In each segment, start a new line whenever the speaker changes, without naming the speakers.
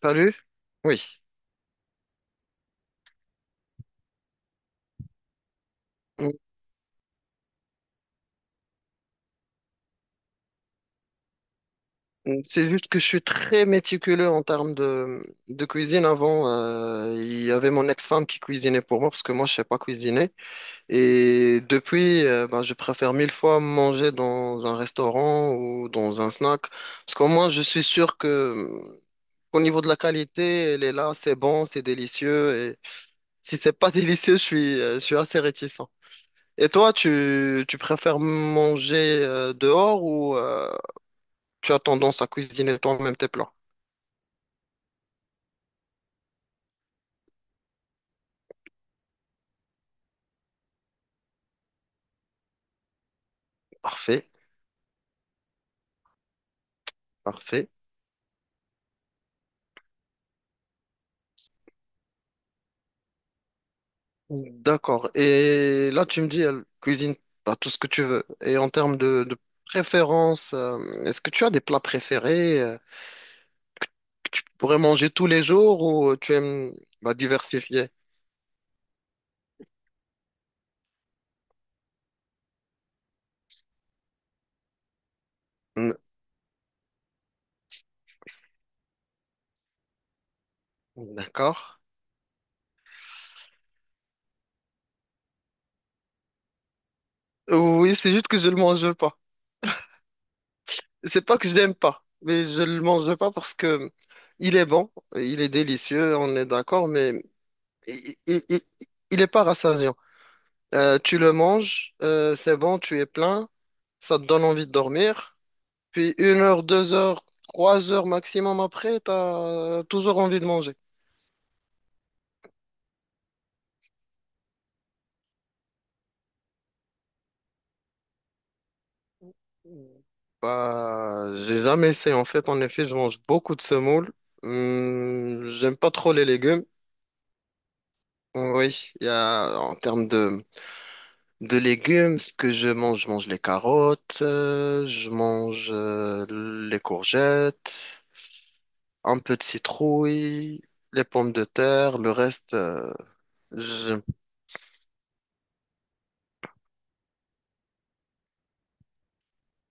T'as lu? Oui. Mm, mm. C'est juste que je suis très méticuleux en termes de cuisine. Avant, il y avait mon ex-femme qui cuisinait pour moi parce que moi, je sais pas cuisiner. Et depuis, ben, je préfère mille fois manger dans un restaurant ou dans un snack. Parce qu'au moins, je suis sûr que, qu'au niveau de la qualité, elle est là, c'est bon, c'est délicieux. Et si c'est pas délicieux, je suis assez réticent. Et toi, tu préfères manger dehors ou, tu as tendance à cuisiner toi-même tes plats. Parfait, parfait. D'accord. Et là, tu me dis, elle cuisine pas tout ce que tu veux. Et en termes de préférence, est-ce que tu as des plats préférés que tu pourrais manger tous les jours ou tu aimes bah, diversifier? Mm. D'accord. Oui, c'est juste que je le mange pas. C'est pas que je l'aime pas, mais je le mange pas parce que il, est bon, il est délicieux, on est d'accord, mais il, il, il- il est pas rassasiant. Tu le manges, c'est bon, tu es plein, ça te donne envie de dormir, puis 1 heure, 2 heures, 3 heures maximum après, t'as toujours envie de manger. Bah, j'ai jamais essayé en fait. En effet, je mange beaucoup de semoule. J'aime pas trop les légumes. Oui, il y a en termes de légumes, ce que je mange les carottes, je mange les courgettes, un peu de citrouille, les pommes de terre, le reste, je...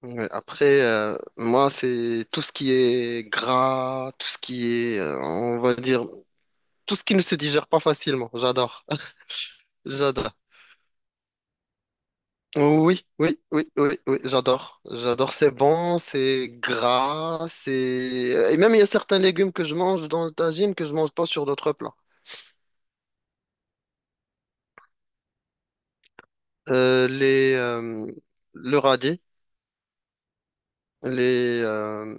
ouais. Après, moi, c'est tout ce qui est gras, tout ce qui est, on va dire, tout ce qui ne se digère pas facilement. J'adore, j'adore. Oui, oui, oui, oui, oui, j'adore. J'adore, c'est bon, c'est gras, c'est... Et même, il y a certains légumes que je mange dans le tagine que je mange pas sur d'autres plats. Euh, les, euh, le radis, les... euh,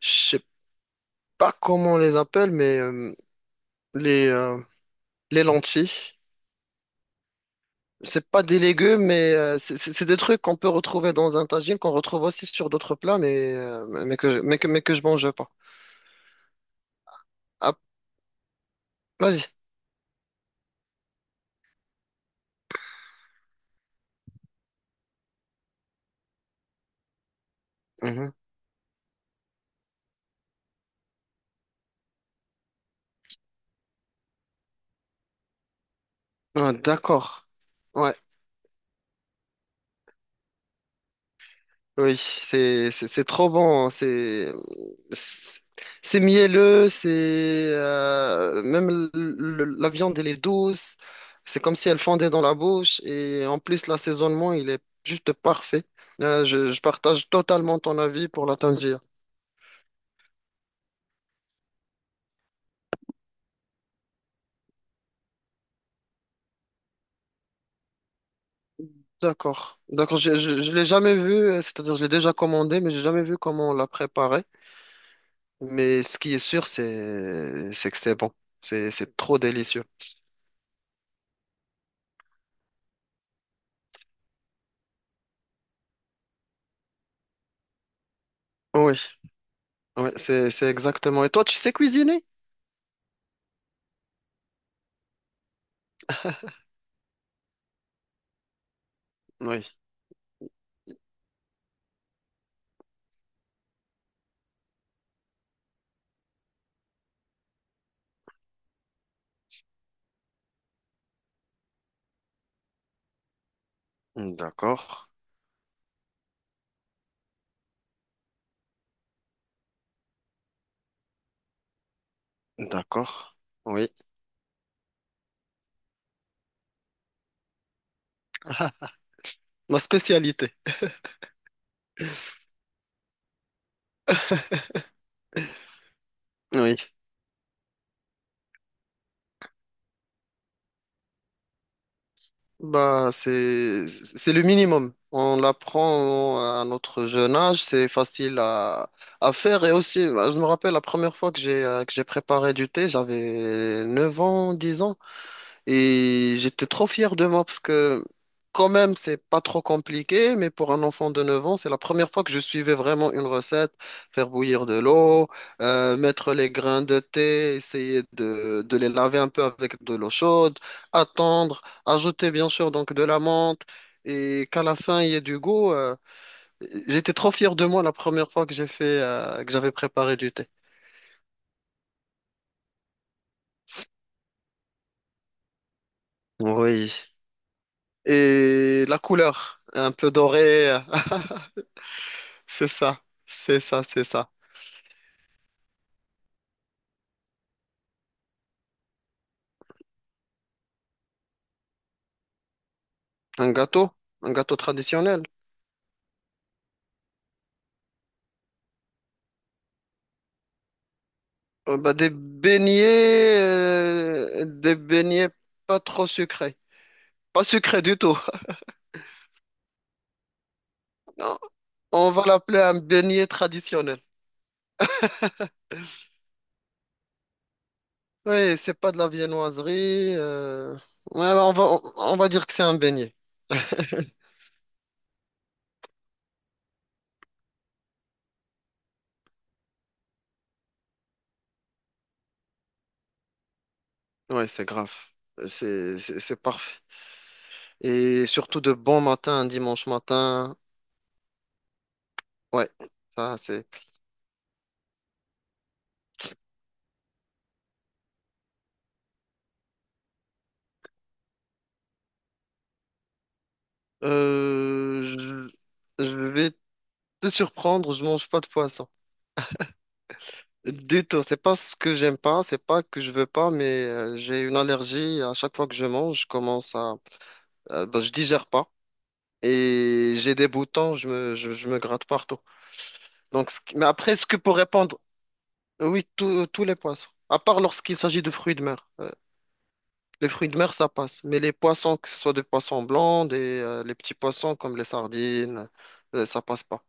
je sais pas comment on les appelle, mais euh, les, euh, les lentilles. C'est pas des légumes, mais c'est des trucs qu'on peut retrouver dans un tagine, qu'on retrouve aussi sur d'autres plats, mais que je mange pas. Ah, vas-y. Mhm. Ah, d'accord. Ouais. Oui, c'est trop bon. C'est c'est mielleux. C'est, même la viande, elle est douce. C'est comme si elle fondait dans la bouche. Et en plus l'assaisonnement il est juste parfait. Je partage totalement ton avis pour la tangia. D'accord, d'accord. Je l'ai jamais vu. C'est-à-dire je l'ai déjà commandé, mais j'ai jamais vu comment on la préparait. Mais ce qui est sûr c'est que c'est bon. C'est trop délicieux. Oui. Oui, c'est exactement. Et toi, tu sais cuisiner? Oui. D'accord. D'accord. Oui. Ma spécialité. Oui. Bah, c'est le minimum. On l'apprend à notre jeune âge, c'est facile à faire. Et aussi, bah, je me rappelle la première fois que j'ai préparé du thé, j'avais 9 ans, 10 ans. Et j'étais trop fier de moi parce que quand même, c'est pas trop compliqué, mais pour un enfant de 9 ans, c'est la première fois que je suivais vraiment une recette, faire bouillir de l'eau, mettre les grains de thé, essayer de les laver un peu avec de l'eau chaude, attendre, ajouter bien sûr donc de la menthe et qu'à la fin il y ait du goût. J'étais trop fier de moi la première fois que j'avais préparé du thé. Oui. Et la couleur, un peu dorée. C'est ça, c'est ça, c'est ça. Un gâteau, un gâteau traditionnel. Bah, des beignets, des beignets pas trop sucrés. Pas sucrés du tout. Non, on va l'appeler un beignet traditionnel. Oui, c'est pas de la viennoiserie. Ouais, bah, on va dire que c'est un beignet. Oui, c'est grave. C'est parfait. Et surtout de bon matin, un dimanche matin. Ouais, ça c'est. Euh, je, je vais te surprendre, je mange pas de poisson. Du tout, c'est pas ce que j'aime pas, c'est pas que je veux pas, mais j'ai une allergie. À chaque fois que je mange, ben, je digère pas et j'ai des boutons, je me gratte partout. Donc, mais après, ce que pour répondre, oui, tous les poissons, à part lorsqu'il s'agit de fruits de mer. Les fruits de mer, ça passe. Mais les poissons, que ce soit des poissons blancs, les petits poissons comme les sardines, ça passe pas.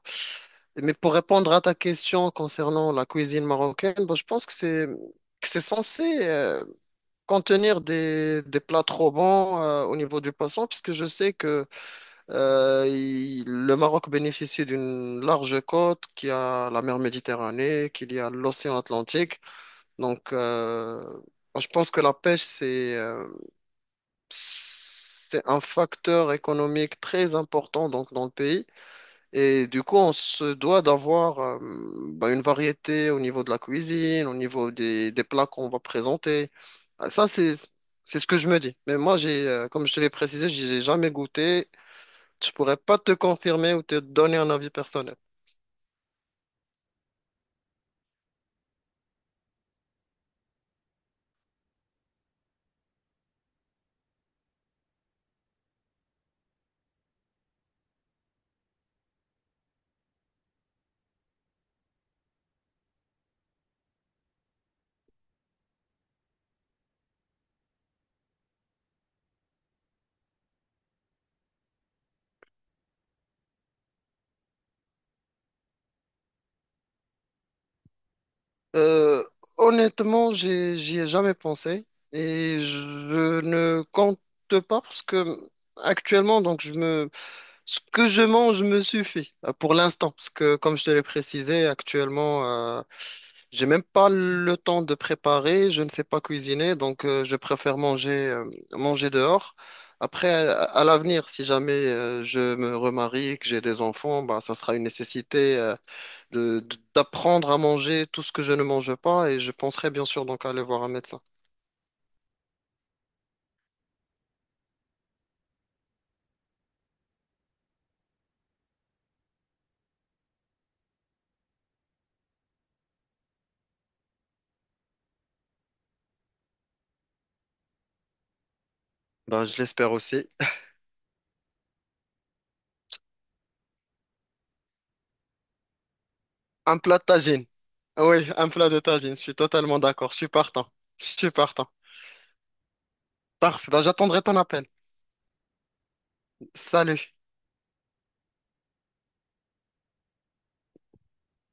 Mais pour répondre à ta question concernant la cuisine marocaine, bon, je pense que c'est censé contenir des plats trop bons au niveau du poisson, puisque je sais que le Maroc bénéficie d'une large côte, qui a la mer Méditerranée, qu'il y a l'océan Atlantique. Donc, moi, je pense que la pêche, c'est un facteur économique très important donc dans le pays et du coup on se doit d'avoir bah, une variété au niveau de la cuisine, au niveau des plats qu'on va présenter. Ah, ça c'est ce que je me dis. Mais moi j'ai comme je te l'ai précisé, j'ai jamais goûté. Je pourrais pas te confirmer ou te donner un avis personnel. Euh, honnêtement, j'y ai jamais pensé et je ne compte pas parce que actuellement donc je me ce que je mange me suffit pour l'instant, parce que comme je te l'ai précisé, actuellement, euh, j'ai même pas le temps de préparer, je ne sais pas cuisiner, donc je préfère manger dehors. Après, à l'avenir, si jamais je me remarie, que j'ai des enfants, bah, ça sera une nécessité d'apprendre à manger tout ce que je ne mange pas, et je penserai bien sûr donc à aller voir un médecin. Bah, je l'espère aussi. Un plat de tagine. Oui, un plat de tagine, je suis totalement d'accord, je suis partant. Je suis partant. Parfait, ben, j'attendrai ton appel. Salut.